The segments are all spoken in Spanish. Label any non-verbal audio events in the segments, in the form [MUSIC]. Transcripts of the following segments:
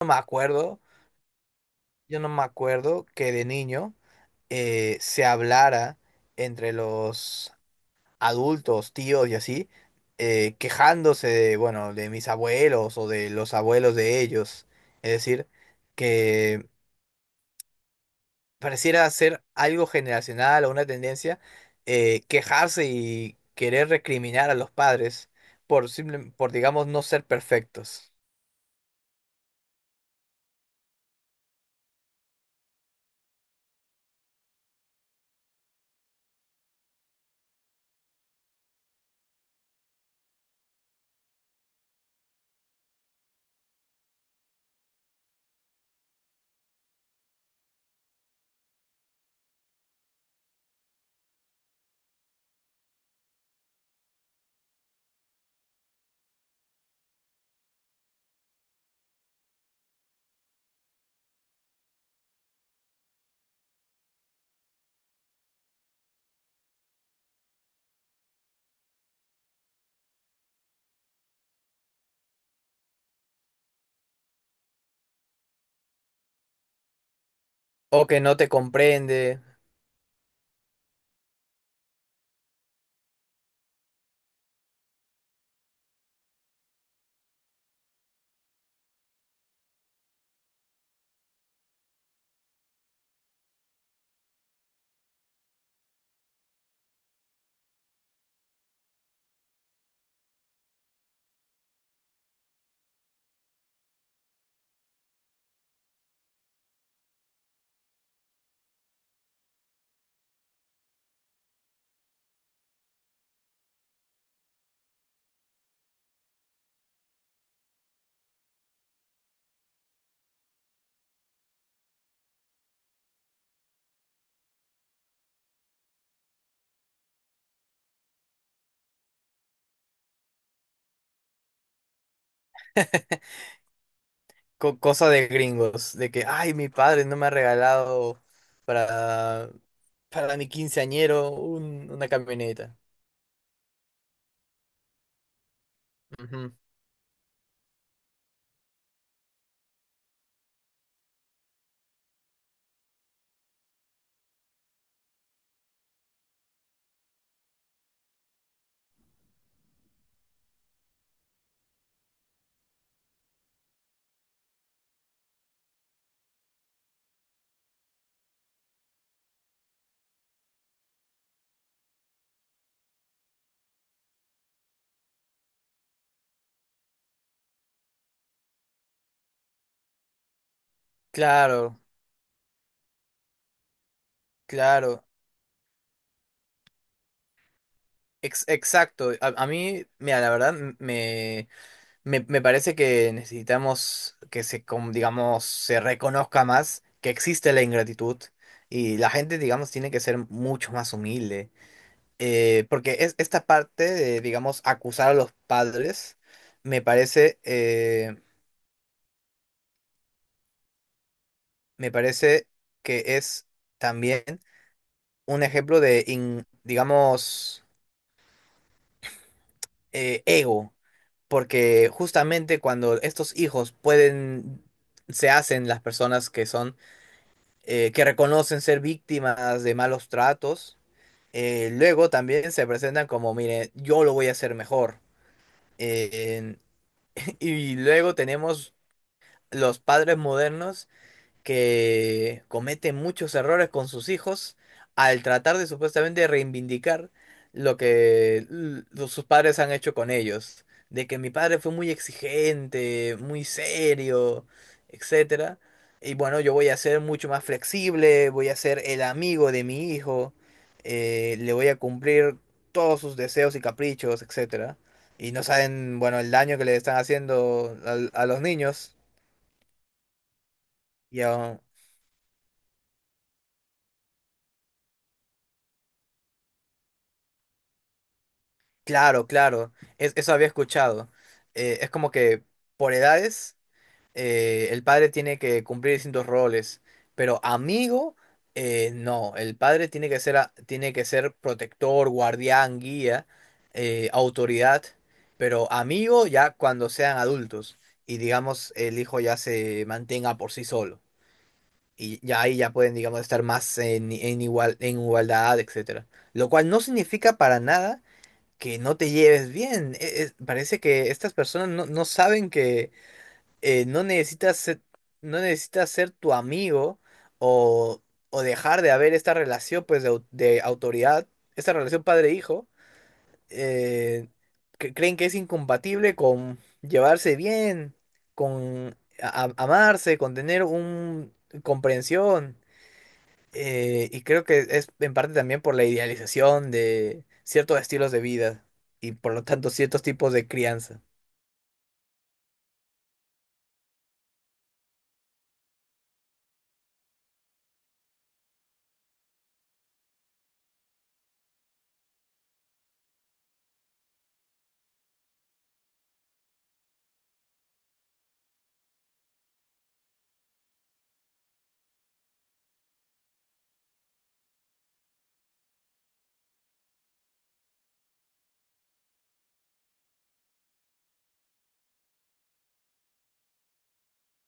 No me acuerdo, yo no me acuerdo que de niño se hablara entre los adultos, tíos y así, quejándose de, bueno, de mis abuelos o de los abuelos de ellos. Es decir, que pareciera ser algo generacional o una tendencia, quejarse y querer recriminar a los padres por digamos no ser perfectos o que no te comprende. Cosa de gringos, de que, ay, mi padre no me ha regalado para, para mi quinceañero una camioneta. Ujú. Claro, claro, exacto. A mí, mira, la verdad, me parece que necesitamos que se, digamos, se reconozca más que existe la ingratitud y la gente, digamos, tiene que ser mucho más humilde. Porque es esta parte de, digamos, acusar a los padres, me parece, me parece que es también un ejemplo de, digamos, ego, porque justamente cuando estos hijos pueden, se hacen las personas que son, que reconocen ser víctimas de malos tratos, luego también se presentan como, mire, yo lo voy a hacer mejor. Eh, [LAUGHS] y luego tenemos los padres modernos que cometen muchos errores con sus hijos al tratar de supuestamente reivindicar lo que sus padres han hecho con ellos, de que mi padre fue muy exigente, muy serio, etcétera. Y bueno, yo voy a ser mucho más flexible, voy a ser el amigo de mi hijo, le voy a cumplir todos sus deseos y caprichos, etcétera. Y no saben, bueno, el daño que le están haciendo a los niños. Ya, claro, claro, eso había escuchado. Es como que por edades el padre tiene que cumplir distintos roles, pero amigo, no, el padre tiene que ser, tiene que ser protector, guardián, guía, autoridad, pero amigo ya cuando sean adultos y digamos el hijo ya se mantenga por sí solo. Y ya ahí ya pueden, digamos, estar más en igual, en igualdad, etcétera. Lo cual no significa para nada que no te lleves bien. Parece que estas personas no, no saben que no necesitas ser, no necesitas ser tu amigo o, o dejar de haber esta relación pues de, de autoridad, esta relación padre-hijo. eh, que creen que es incompatible con llevarse bien, con amarse, con tener un comprensión. Y creo que es en parte también por la idealización de ciertos estilos de vida y por lo tanto ciertos tipos de crianza.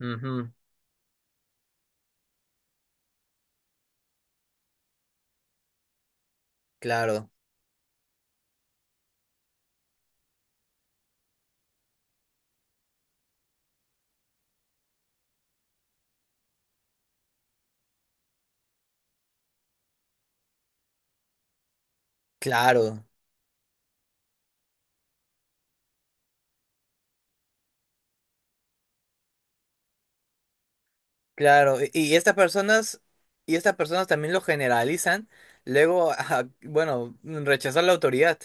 Ujú, claro, claro, claro. Y estas personas también lo generalizan, luego, [LAUGHS] a, bueno, rechazar la autoridad.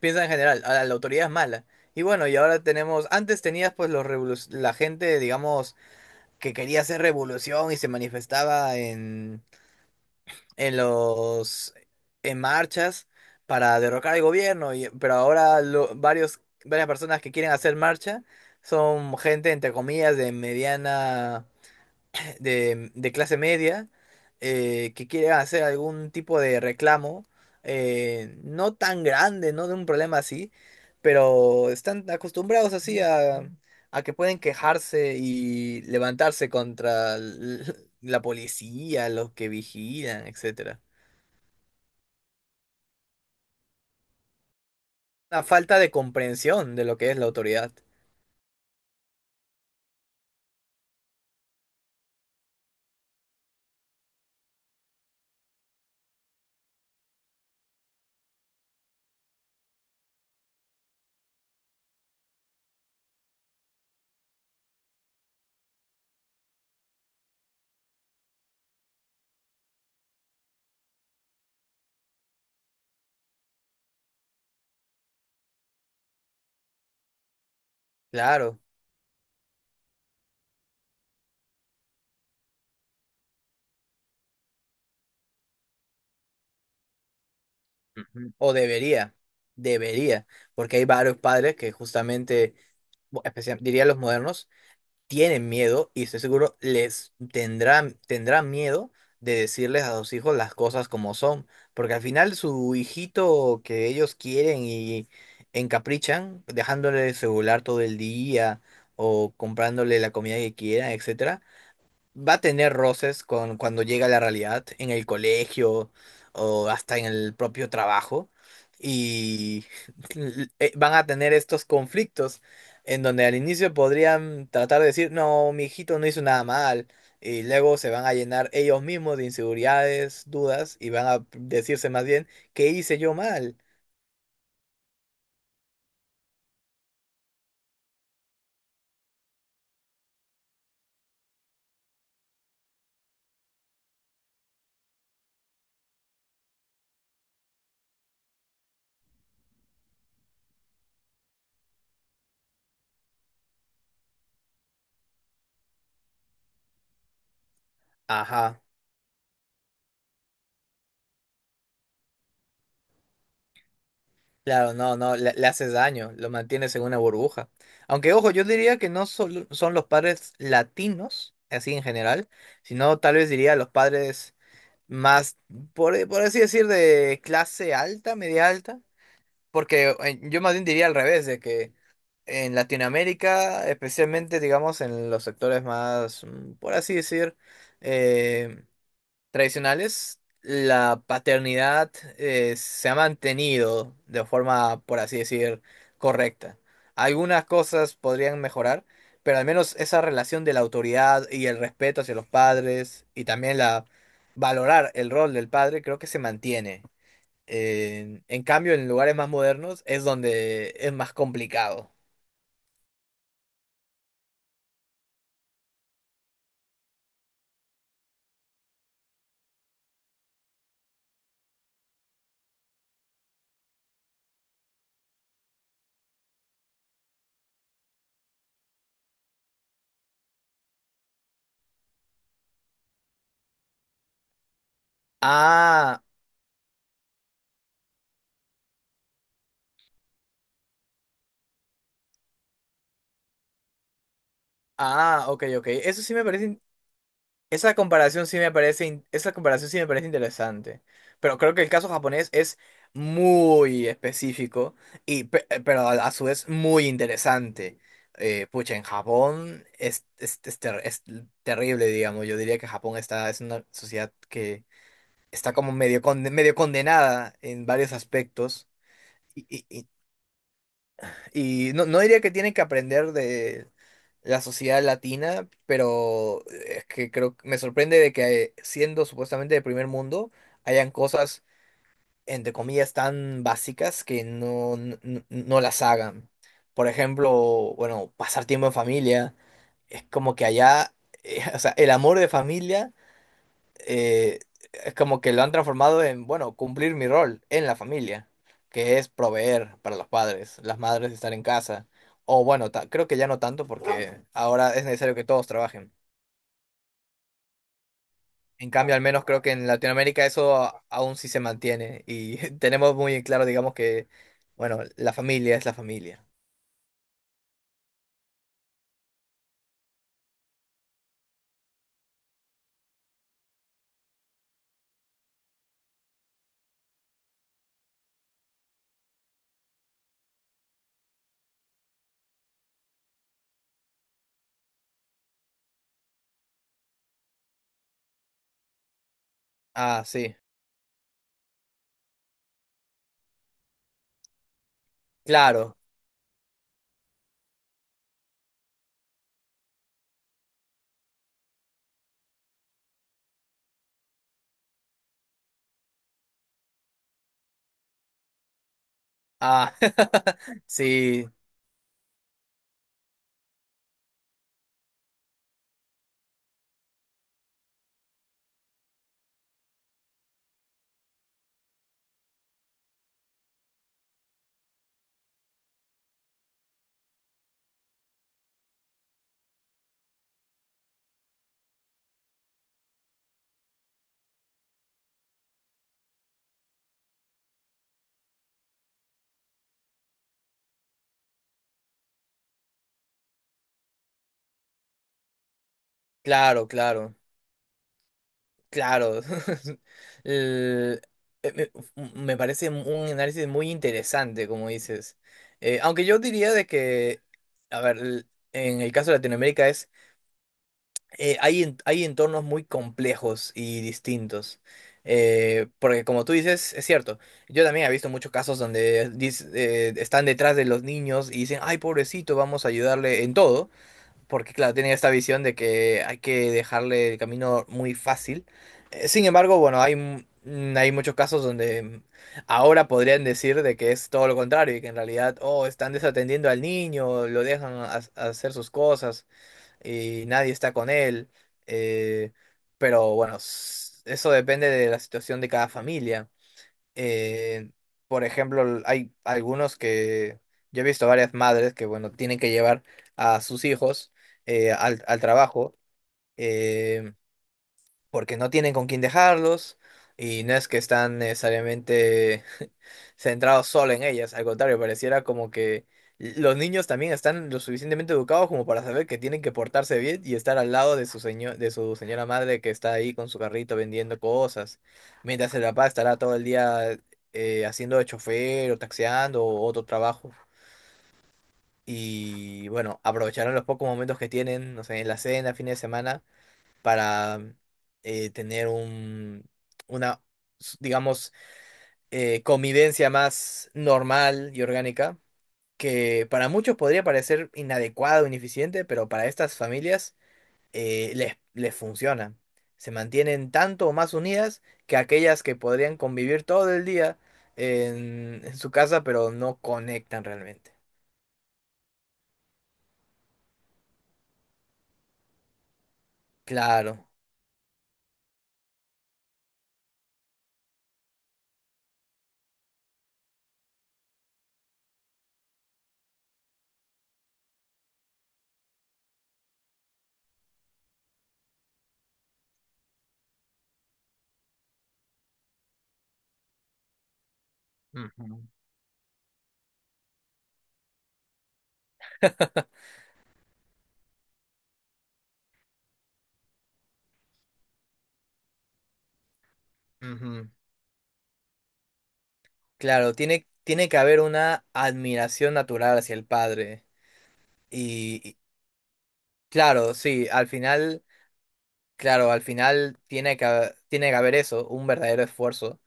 Piensan en general, a la, la autoridad es mala. Y bueno, y ahora tenemos, antes tenías pues la gente, digamos, que quería hacer revolución y se manifestaba en los, en marchas para derrocar al gobierno, y, pero ahora varias personas que quieren hacer marcha son gente, entre comillas, de mediana de clase media que quiere hacer algún tipo de reclamo, no tan grande, no de un problema así, pero están acostumbrados así a que pueden quejarse y levantarse contra [LAUGHS] la policía, los que vigilan, etcétera. Una falta de comprensión de lo que es la autoridad, claro. Ujú. O debería, debería, porque hay varios padres que justamente, diría los modernos, tienen miedo y estoy seguro les tendrán, tendrán miedo de decirles a sus hijos las cosas como son, porque al final su hijito que ellos quieren y encaprichan, dejándole el celular todo el día o comprándole la comida que quieran, etcétera va a tener roces con cuando llega a la realidad, en el colegio o hasta en el propio trabajo. Y [LAUGHS] van a tener estos conflictos en donde al inicio podrían tratar de decir, no, mi hijito no hizo nada mal. Y luego se van a llenar ellos mismos de inseguridades, dudas, y van a decirse más bien, ¿qué hice yo mal? Ajá. Claro, no, no, le haces daño, lo mantienes en una burbuja. Aunque, ojo, yo diría que no solo son los padres latinos, así en general, sino tal vez diría los padres más, por así decir, de clase alta, media alta, porque yo más bien diría al revés, de que en Latinoamérica, especialmente, digamos, en los sectores más, mm, por así decir, eh, tradicionales, la paternidad se ha mantenido de forma, por así decir, correcta. Algunas cosas podrían mejorar, pero al menos esa relación de la autoridad y el respeto hacia los padres y también la valorar el rol del padre creo que se mantiene. En cambio, en lugares más modernos es donde es más complicado. Ah, ah, ok, ok. Eso sí me parece. Esa comparación sí me parece, esa comparación sí me parece interesante, pero creo que el caso japonés es muy específico y pero a su vez muy interesante. Pucha, en Japón es, es terrible, digamos. Yo diría que Japón está, es una sociedad que está como medio, medio condenada en varios aspectos. Y no, no diría que tienen que aprender de la sociedad latina, pero es que creo que me sorprende de que siendo supuestamente de primer mundo, hayan cosas, entre comillas, tan básicas que no, no, no las hagan. Por ejemplo, bueno, pasar tiempo en familia, es como que allá, [LAUGHS] o sea, el amor de familia eh, es como que lo han transformado en, bueno, cumplir mi rol en la familia, que es proveer para los padres, las madres estar en casa. O bueno, creo que ya no tanto porque ahora es necesario que todos trabajen. En cambio, al menos creo que en Latinoamérica eso aún sí se mantiene y [LAUGHS] tenemos muy en claro, digamos que, bueno, la familia es la familia. Ah, sí, claro. Ah, [LAUGHS] sí, claro, claro. Claro, [LAUGHS] el- eh, me, me parece un análisis muy interesante, como dices. Aunque yo diría de que, a ver, en el caso de Latinoamérica es, hay, hay entornos muy complejos y distintos. Porque como tú dices, es cierto, yo también he visto muchos casos donde están detrás de los niños y dicen, ay, pobrecito, vamos a ayudarle en todo porque claro, tienen esta visión de que hay que dejarle el camino muy fácil. Sin embargo, bueno, hay, hay muchos casos donde mm, ahora podrían decir de que es todo lo contrario y que en realidad, oh, están desatendiendo al niño, lo dejan a hacer sus cosas y nadie está con él. Eh, pero bueno, eso depende de la situación de cada familia. Eh, por ejemplo, hay algunos que yo he visto varias madres que, bueno, tienen que llevar a sus hijos al, al trabajo. Eh, Porque no tienen con quién dejarlos y no es que están necesariamente [LAUGHS] centrados solo en ellas, al contrario, pareciera como que los niños también están lo suficientemente educados como para saber que tienen que portarse bien y estar al lado de de su señora madre que está ahí con su carrito vendiendo cosas, mientras el papá estará todo el día haciendo de chofer o taxeando o otro trabajo. Y bueno, aprovecharán los pocos momentos que tienen, no sé, en la cena, fin de semana para tener un, una, digamos, convivencia más normal y orgánica, que para muchos podría parecer inadecuado, ineficiente, pero para estas familias les funciona. Se mantienen tanto o más unidas que aquellas que podrían convivir todo el día en su casa, pero no conectan realmente. Claro. Ujú. Ujú. Claro, tiene, tiene que haber una admiración natural hacia el padre. Y claro, sí, al final, claro, al final tiene que, tiene que haber eso, un verdadero esfuerzo.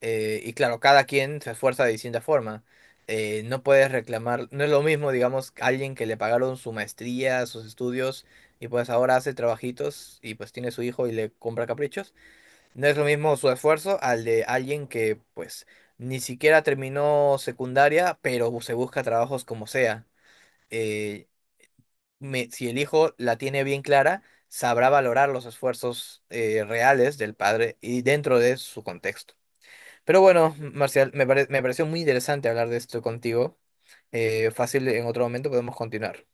Y claro, cada quien se esfuerza de distinta forma. No puedes reclamar, no es lo mismo, digamos, alguien que le pagaron su maestría, sus estudios, y pues ahora hace trabajitos y pues tiene su hijo y le compra caprichos. No es lo mismo su esfuerzo al de alguien que pues ni siquiera terminó secundaria, pero se busca trabajos como sea. eh, si el hijo la tiene bien clara, sabrá valorar los esfuerzos reales del padre y dentro de su contexto. Pero bueno, Marcial, me pareció muy interesante hablar de esto contigo. Fácil, en otro momento podemos continuar.